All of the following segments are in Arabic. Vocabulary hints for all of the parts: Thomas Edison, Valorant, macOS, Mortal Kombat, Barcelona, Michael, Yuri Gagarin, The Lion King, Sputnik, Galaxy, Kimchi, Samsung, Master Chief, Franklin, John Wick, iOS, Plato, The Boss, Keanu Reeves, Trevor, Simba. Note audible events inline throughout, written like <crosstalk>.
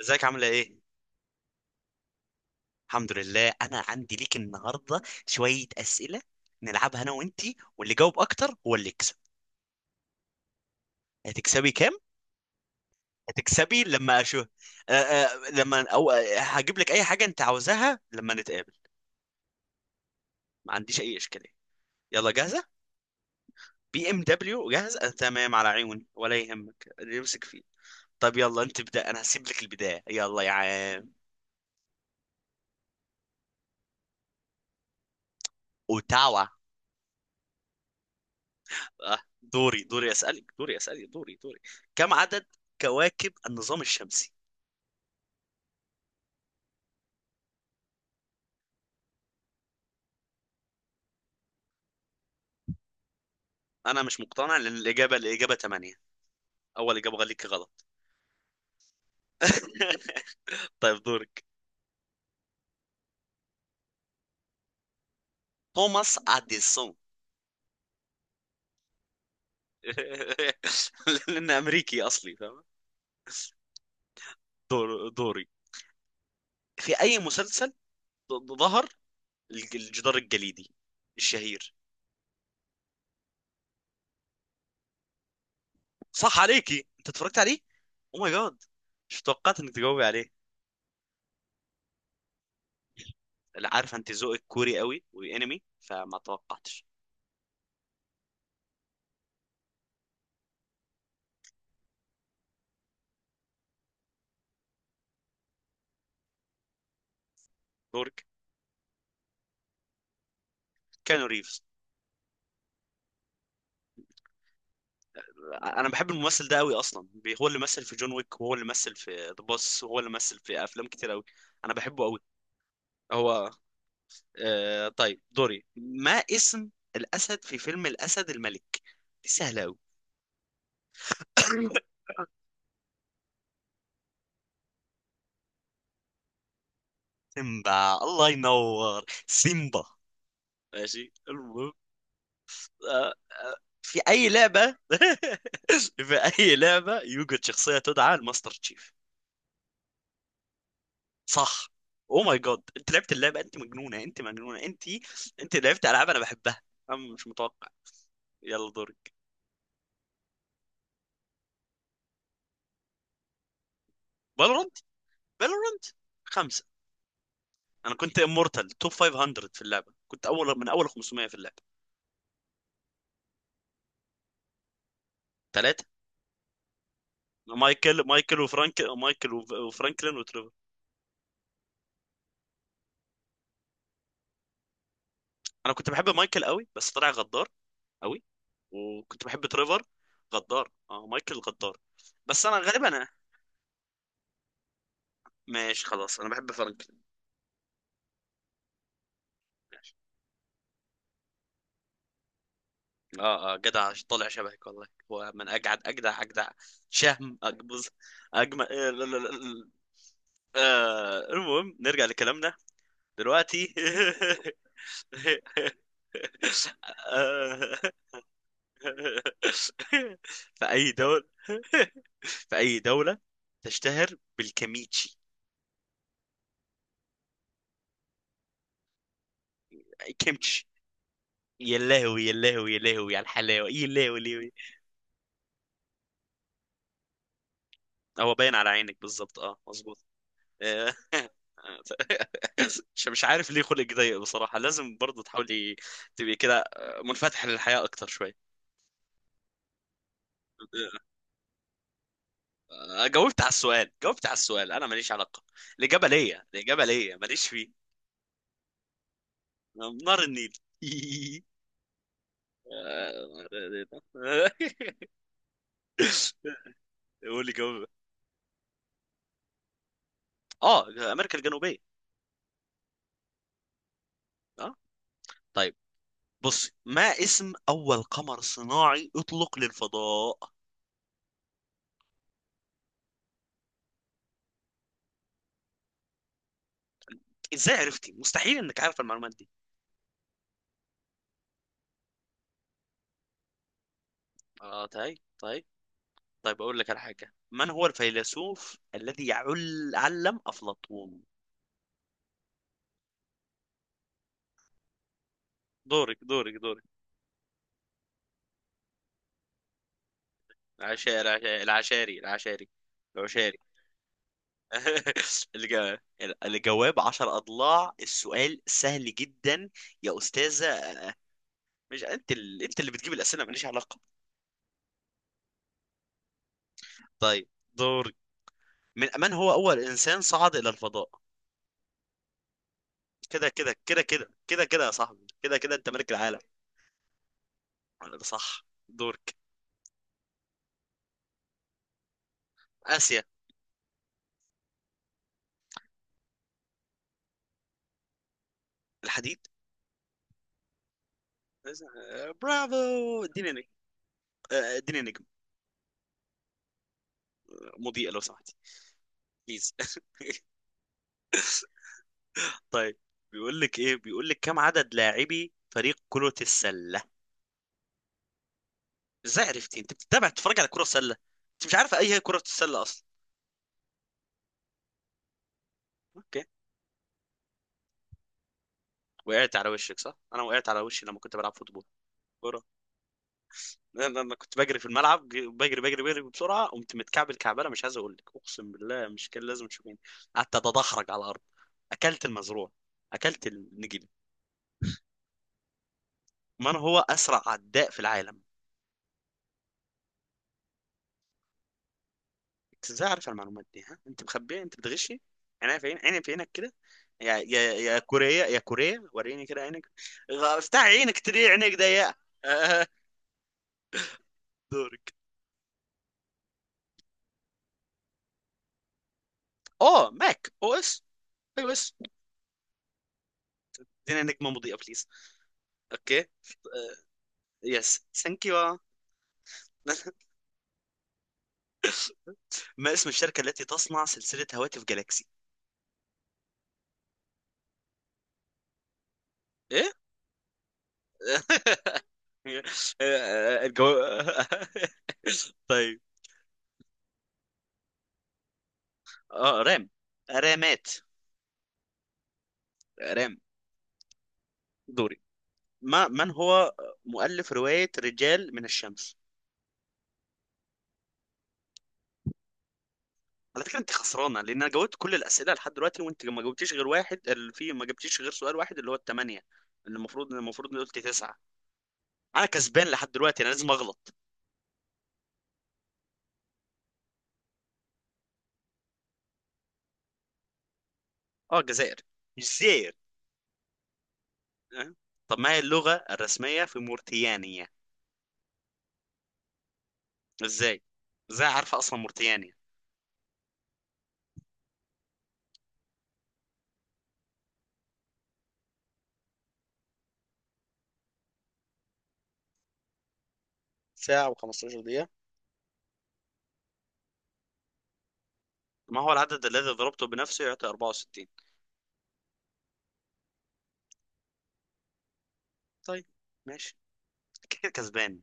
ازيك، عاملة ايه؟ الحمد لله. انا عندي ليك النهاردة شوية اسئلة نلعبها انا وانتي، واللي جاوب اكتر هو اللي يكسب. هتكسبي كام؟ هتكسبي لما اشوف. أه أه لما او آه، هجيب لك اي حاجة انت عاوزاها لما نتقابل. ما عنديش اي اشكالية. يلا، جاهزة؟ BMW جاهز؟ أه، تمام، على عيوني، ولا يهمك اللي يمسك فيه. طب يلا، انت ابدأ، انا هسيب لك البداية. يلا يا عم. اوتاوا. دوري، دوري اسألك، دوري اسألك، دوري، دوري. كم عدد كواكب النظام الشمسي؟ انا مش مقتنع لان الاجابه 8. اول اجابه غليك غلط. <laughs> طيب دورك. توماس اديسون. <laughs> لان امريكي اصلي فاهم. دور دوري. في اي مسلسل ظهر الجدار الجليدي الشهير؟ صح عليكي، انت اتفرجت عليه؟ او ماي جاد، مش توقعت انك تجاوبي عليه. لا، عارف انت ذوقك كوري قوي وانمي، فما توقعتش. دورك. كانو ريفز. انا بحب الممثل ده قوي اصلا. هو اللي مثل في جون ويك، وهو اللي مثل في ذا بوس، وهو اللي مثل في افلام كتير قوي. انا بحبه قوي. هو، آه، طيب دوري. ما اسم الاسد في فيلم الاسد الملك؟ دي سهله قوي. <coughs> <laughs> سيمبا، الله ينور سيمبا. ماشي، المهم. آه، آه، في اي لعبه، <laughs> في اي لعبه يوجد شخصيه تدعى الماستر تشيف؟ صح. او ماي جاد، انت لعبت اللعبه؟ انت مجنونه، انت مجنونه، انت. انت لعبت العاب انا بحبها. انا مش متوقع. يلا دورك. فالورانت، فالورانت، خمسة. انا كنت امورتال توب 500 في اللعبة، كنت اول من اول 500 في اللعبة. ثلاثة. مايكل وفرانكلين وتريفر. انا كنت بحب مايكل قوي بس طلع غدار قوي. وكنت بحب تريفر. غدار، اه، مايكل غدار. بس انا غالبا انا، ماشي خلاص، انا بحب فرانكلين. اه جدع. طالع شبهك والله. هو من اجعد اجدع اجدع. شهم، اجبز، اجمل. لا، لا، لا، لا. المهم، نرجع لكلامنا دلوقتي. <laughs> آه، <laughs> في اي دولة، في اي دولة تشتهر بالكيميتشي؟ كيمتشي. يا لهوي، يا لهوي، يا لهوي على الحلاوة، يا لهوي، يا لهوي. هو باين على عينك بالظبط. اه، مظبوط. آه. <laughs> مش عارف ليه خلق ضيق بصراحة. لازم برضه تحاولي تبقي كده، منفتح للحياة أكتر شوية. جاوبت على السؤال، جاوبت على السؤال، أنا ماليش علاقة. الإجابة ليا، الإجابة ليا، ماليش فيه. نار النيل. <laughs> قول لي. <laughs> جاوب. اه، أمريكا الجنوبية. اه، طيب. بصي، ما اسم أول قمر صناعي أطلق للفضاء؟ إزاي عرفتي؟ مستحيل إنك عارف المعلومات دي. اه، طيب، طيب. طيب، أقول لك على حاجة، من هو الفيلسوف الذي يعل علم أفلاطون؟ دورك، دورك، دورك. العشاري، العشاري، العشاري، العشاري، العشاري. <laughs> الج- الجواب عشر أضلاع. السؤال سهل جدا يا أستاذة. مش أنت أنت اللي بتجيب الأسئلة، ماليش علاقة. طيب، دورك. من هو أول إنسان صعد إلى الفضاء؟ كده كده كده كده كده كده يا صاحبي، كده كده أنت ملك العالم. ده صح. دورك. آسيا. الحديد. برافو، اديني نجم. اديني نجم. مضيئة، لو سمحت. بليز. <laughs> طيب، بيقول لك ايه، بيقول لك كم عدد لاعبي فريق كرة السلة؟ ازاي عرفتي؟ انت بتتابع، تتفرج على كرة سلة؟ انت مش عارفة اي هي كرة السلة اصلا. اوكي. وقعت على وشك، صح، انا وقعت على وشي لما كنت بلعب فوتبول، كرة. أنا كنت بجري في الملعب، بجري، بجري، بجري بسرعة، قمت متكعبل كعبلة، مش عايز اقول لك، اقسم بالله، مش كان لازم تشوفيني. قعدت اتدحرج على الارض. اكلت المزروع. اكلت النجيل. من هو أسرع عداء في العالم؟ أنت إزاي عارف المعلومات دي؟ ها، أنت مخبيها، أنت بتغشي. عينيا في عينك، عيني في عينك كده. يا كوريا، يا كوريا، وريني كده عينك. افتح عينك تلاقي عينك ضيقة. <laughs> آه، دورك. ماك أو إس. أيوه، إس. ادينا نجمة مضيئة، بليز. أوكي. يس ثانك يو. <laughs> ما اسم الشركة التي تصنع سلسلة هواتف جالاكسي؟ إيه؟ <laughs> الجو... <laughs> طيب. اه رام، رامات، رام. دوري. ما من هو مؤلف رواية رجال من الشمس؟ على فكرة انت خسرانة، لان انا جاوبت كل الأسئلة لحد دلوقتي، وانت ما جاوبتيش غير واحد، في ما جبتيش غير سؤال واحد اللي هو الثمانية، اللي المفروض إني قلت تسعة. انا كسبان لحد دلوقتي، انا لازم اغلط. اه، الجزائر. الجزائر. أه؟ طب، ما هي اللغة الرسمية في موريتانيا؟ ازاي ازاي عارفة اصلا موريتانيا؟ ساعة و15 دقيقة. ما هو العدد الذي ضربته بنفسه يعطي 64؟ طيب، ماشي، كده كسبان.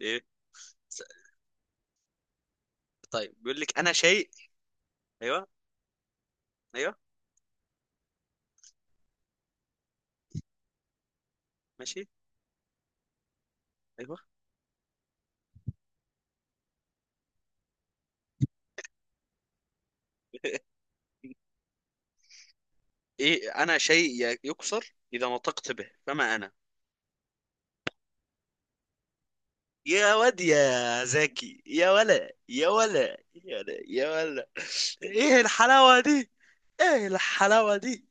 ايه؟ س- طيب، بيقول لك انا شيء. ايوه. ايوه. ماشي. ايوه. ايه، انا شيء يكسر اذا نطقت به، فما انا؟ يا واد يا زكي. يا ولا، يا ولا، يا ولا، يا ولا. ايه الحلاوه دي؟ ايه الحلاوه دي؟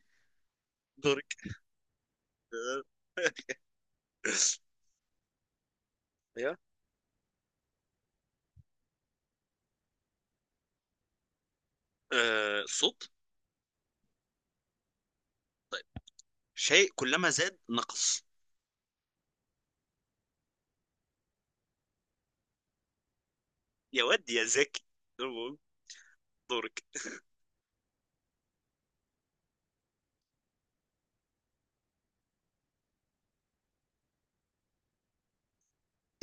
دورك. <laughs> ايوه. آه، صوت. طيب، شيء كلما زاد نقص. يا واد يا زكي. دورك.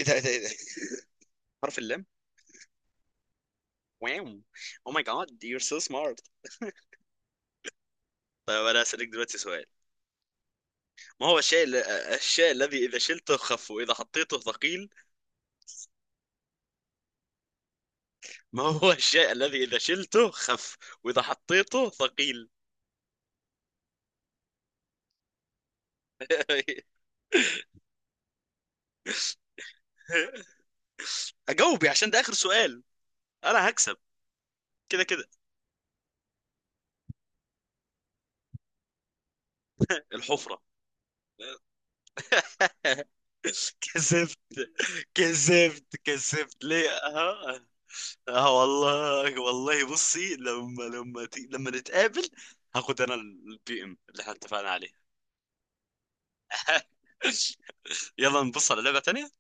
ايه ده، ايه ده، إيه ده؟ حرف اللام. واو. او ماي جاد، يور سو سمارت. طيب، انا اسالك دلوقتي سؤال. ما هو الشيء الشيء الذي إذا شلته خف وإذا حطيته ثقيل؟ ما هو الشيء الذي إذا شلته خف وإذا حطيته ثقيل؟ <laughs> أجاوبي عشان ده آخر سؤال، أنا هكسب كده كده. الحفرة. <laughs> كذبت كذبت كذبت، ليه؟ اه. اه، والله، والله. بصي، لما، لما نتقابل، هاخد انا البي ام اللي احنا اتفقنا عليه. <laughs> يلا نبص على لعبة تانية.